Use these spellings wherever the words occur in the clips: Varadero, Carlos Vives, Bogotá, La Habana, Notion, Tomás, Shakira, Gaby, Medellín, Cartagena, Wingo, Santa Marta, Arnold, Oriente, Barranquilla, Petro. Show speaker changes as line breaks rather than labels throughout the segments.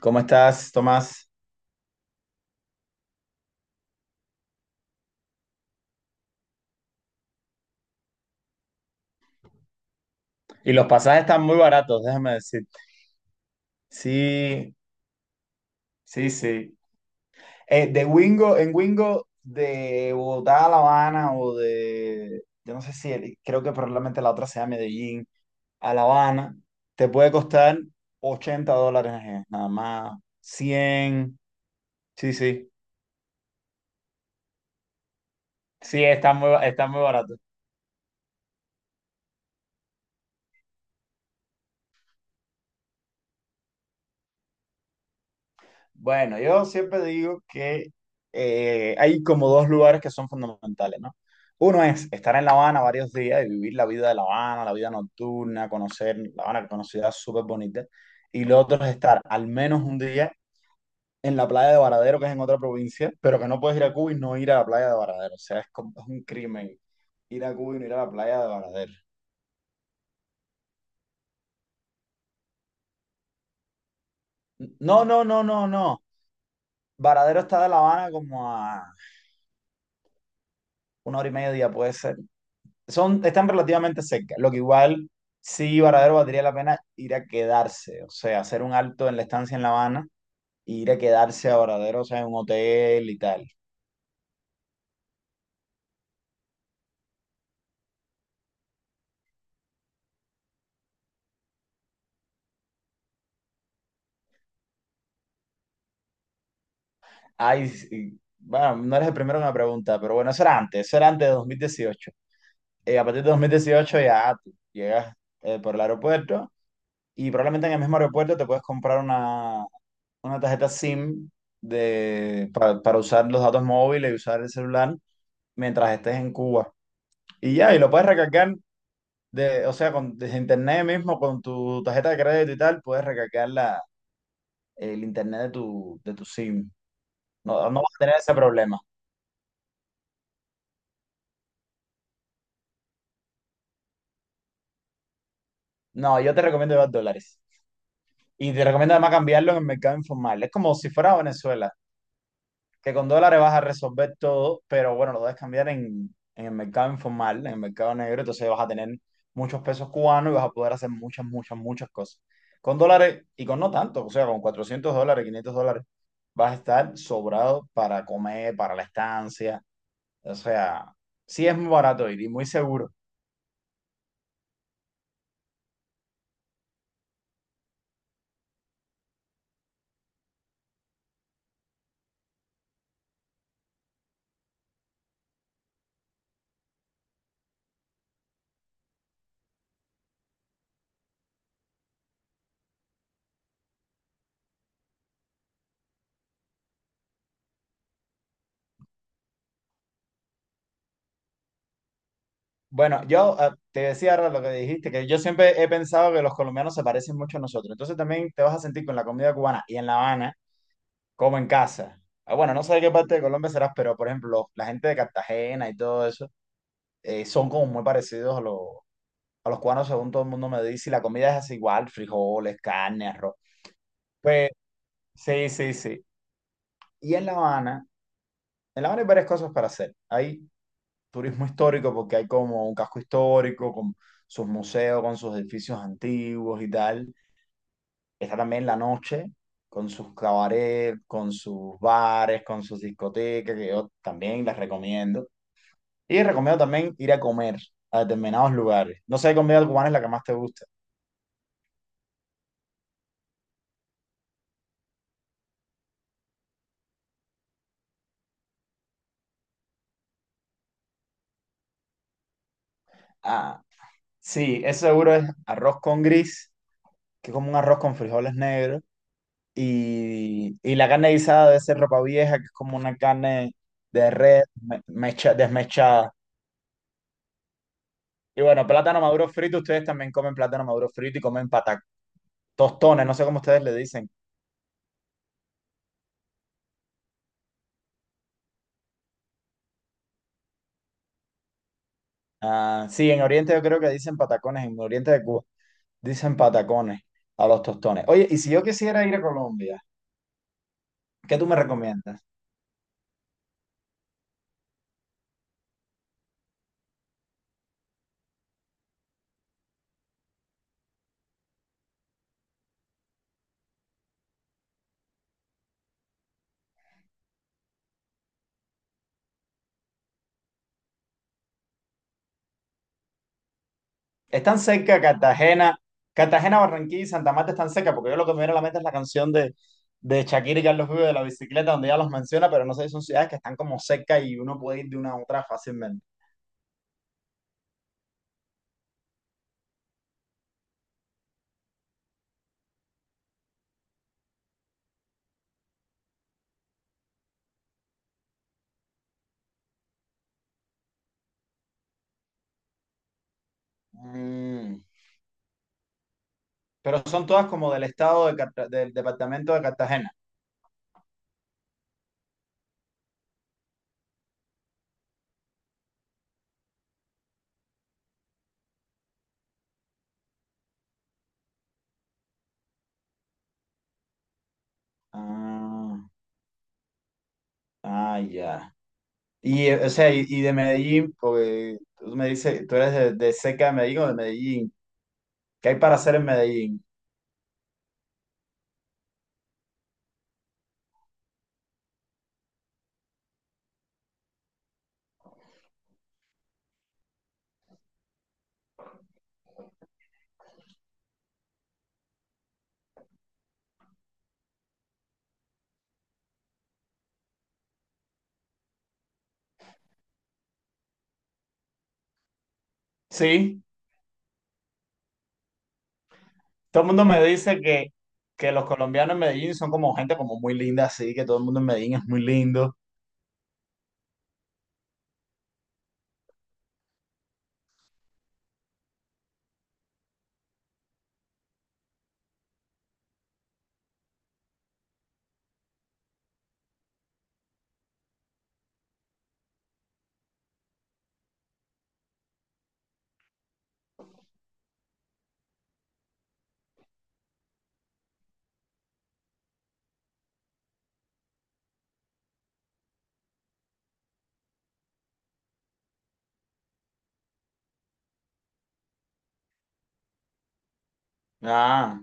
¿Cómo estás, Tomás? Y los pasajes están muy baratos, déjame decir. Sí, sí, sí. De Wingo, en Wingo, de Bogotá a La Habana o yo no sé si, creo que probablemente la otra sea Medellín, a La Habana, te puede costar $80, nada más, 100. Sí, sí. Sí, está está muy barato. Bueno, yo siempre digo que hay como dos lugares que son fundamentales, ¿no? Uno es estar en La Habana varios días y vivir la vida de La Habana, la vida nocturna, conocer La Habana, que es una ciudad súper bonita. Y lo otro es estar al menos un día en la playa de Varadero, que es en otra provincia, pero que no puedes ir a Cuba y no ir a la playa de Varadero. O sea, es, es un crimen ir a Cuba y no ir a la playa de Varadero. No, no, no, no, no. Varadero está de La Habana como a una hora y media, puede ser. Están relativamente cerca, lo que igual sí, Varadero valdría la pena ir a quedarse, o sea, hacer un alto en la estancia en La Habana, e ir a quedarse a Varadero, o sea, en un hotel y tal. Ay, sí, bueno, no eres el primero que me pregunta, pero bueno, eso era antes de 2018. A partir de 2018 ya tú llegas por el aeropuerto y probablemente en el mismo aeropuerto te puedes comprar una tarjeta SIM para usar los datos móviles y usar el celular mientras estés en Cuba. Y ya, y lo puedes recargar, o sea, desde internet mismo, con tu tarjeta de crédito y tal, puedes recargar el internet de tu SIM. No, no vas a tener ese problema. No, yo te recomiendo llevar dólares. Y te recomiendo además cambiarlo en el mercado informal. Es como si fuera Venezuela. Que con dólares vas a resolver todo, pero bueno, lo debes cambiar en el mercado informal, en el mercado negro, entonces vas a tener muchos pesos cubanos y vas a poder hacer muchas, muchas, muchas cosas. Con dólares y con no tanto, o sea, con $400, $500, vas a estar sobrado para comer, para la estancia, o sea, sí es muy barato ir y muy seguro. Bueno, yo te decía ahora lo que dijiste, que yo siempre he pensado que los colombianos se parecen mucho a nosotros. Entonces también te vas a sentir con la comida cubana y en La Habana como en casa. Ah, bueno, no sé de qué parte de Colombia serás, pero por ejemplo, los la gente de Cartagena y todo eso son como muy parecidos a los cubanos, según todo el mundo me dice, y la comida es así igual, frijoles, carne, arroz. Pues sí, sí, sí. Y en La Habana hay varias cosas para hacer. Hay turismo histórico porque hay como un casco histórico con sus museos, con sus edificios antiguos y tal. Está también la noche, con sus cabarets, con sus bares, con sus discotecas, que yo también las recomiendo. Y recomiendo también ir a comer a determinados lugares. No sé qué comida cubana es la que más te gusta. Ah, sí, eso seguro es arroz con gris, que es como un arroz con frijoles negros. Y la carne guisada debe ser ropa vieja, que es como una carne de red me- mecha- desmechada. Y bueno, plátano maduro frito, ustedes también comen plátano maduro frito y comen patacones, tostones, no sé cómo ustedes le dicen. Ah, sí, en Oriente yo creo que dicen patacones, en Oriente de Cuba dicen patacones a los tostones. Oye, y si yo quisiera ir a Colombia, ¿qué tú me recomiendas? ¿Están seca Cartagena? Cartagena, Barranquilla y Santa Marta están seca porque yo lo que me viene a la mente es la canción de Shakira y Carlos Vives de la bicicleta, donde ya los menciona, pero no sé si son ciudades que están como cerca y uno puede ir de una a otra fácilmente. Mm. Pero son todas como del estado de del departamento de Cartagena. Ah, ah, ya. Y, o sea, y de Medellín, porque tú me dices, tú eres de cerca de Medellín o de Medellín. ¿Qué hay para hacer en Medellín? Sí. Todo el mundo me dice que los colombianos en Medellín son como gente como muy linda, así que todo el mundo en Medellín es muy lindo. Ah,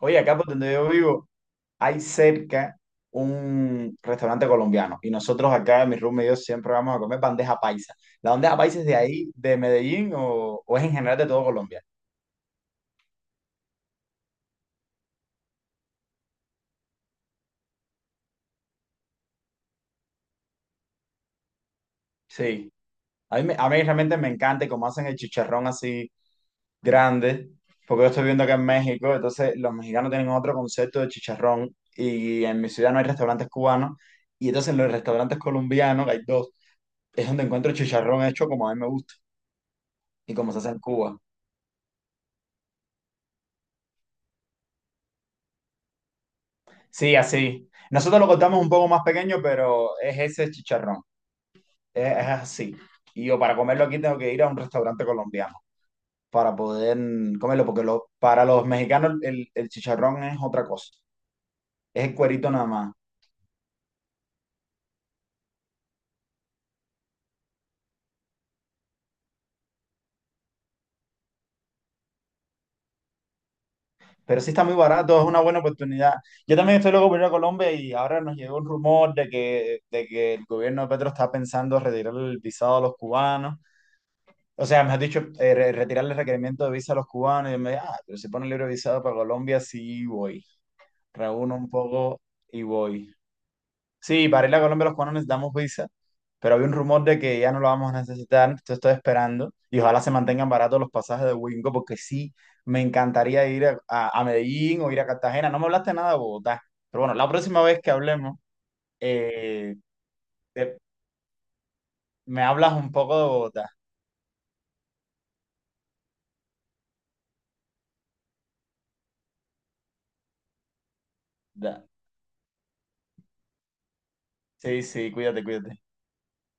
oye, acá por donde yo vivo hay cerca un restaurante colombiano y nosotros acá, mi room y yo, siempre vamos a comer bandeja paisa. ¿La bandeja paisa es de ahí, de Medellín o es en general de todo Colombia? Sí, a mí, a mí realmente me encanta y como hacen el chicharrón así grande, porque yo estoy viendo que en México, entonces los mexicanos tienen otro concepto de chicharrón y en mi ciudad no hay restaurantes cubanos y entonces en los restaurantes colombianos, que hay dos, es donde encuentro chicharrón hecho como a mí me gusta y como se hace en Cuba. Sí, así. Nosotros lo cortamos un poco más pequeño, pero es ese chicharrón, es así. Y yo para comerlo aquí tengo que ir a un restaurante colombiano para poder comerlo, porque para los mexicanos el chicharrón es otra cosa, es el cuerito nada más. Pero sí está muy barato, es una buena oportunidad. Yo también estoy loco por ir a Colombia y ahora nos llegó un rumor de que el gobierno de Petro está pensando retirar el visado a los cubanos. O sea, me has dicho, retirarle el requerimiento de visa a los cubanos. Y yo me dije, ah, pero si pone libre visado para Colombia, sí voy. Reúno un poco y voy. Sí, para ir a Colombia los cubanos necesitamos visa, pero había un rumor de que ya no lo vamos a necesitar, entonces estoy esperando y ojalá se mantengan baratos los pasajes de Wingo porque sí, me encantaría ir a Medellín o ir a Cartagena. No me hablaste nada de Bogotá, pero bueno, la próxima vez que hablemos, eh, te- me hablas un poco de Bogotá. Da. Sí, sí, cuídate, cuídate.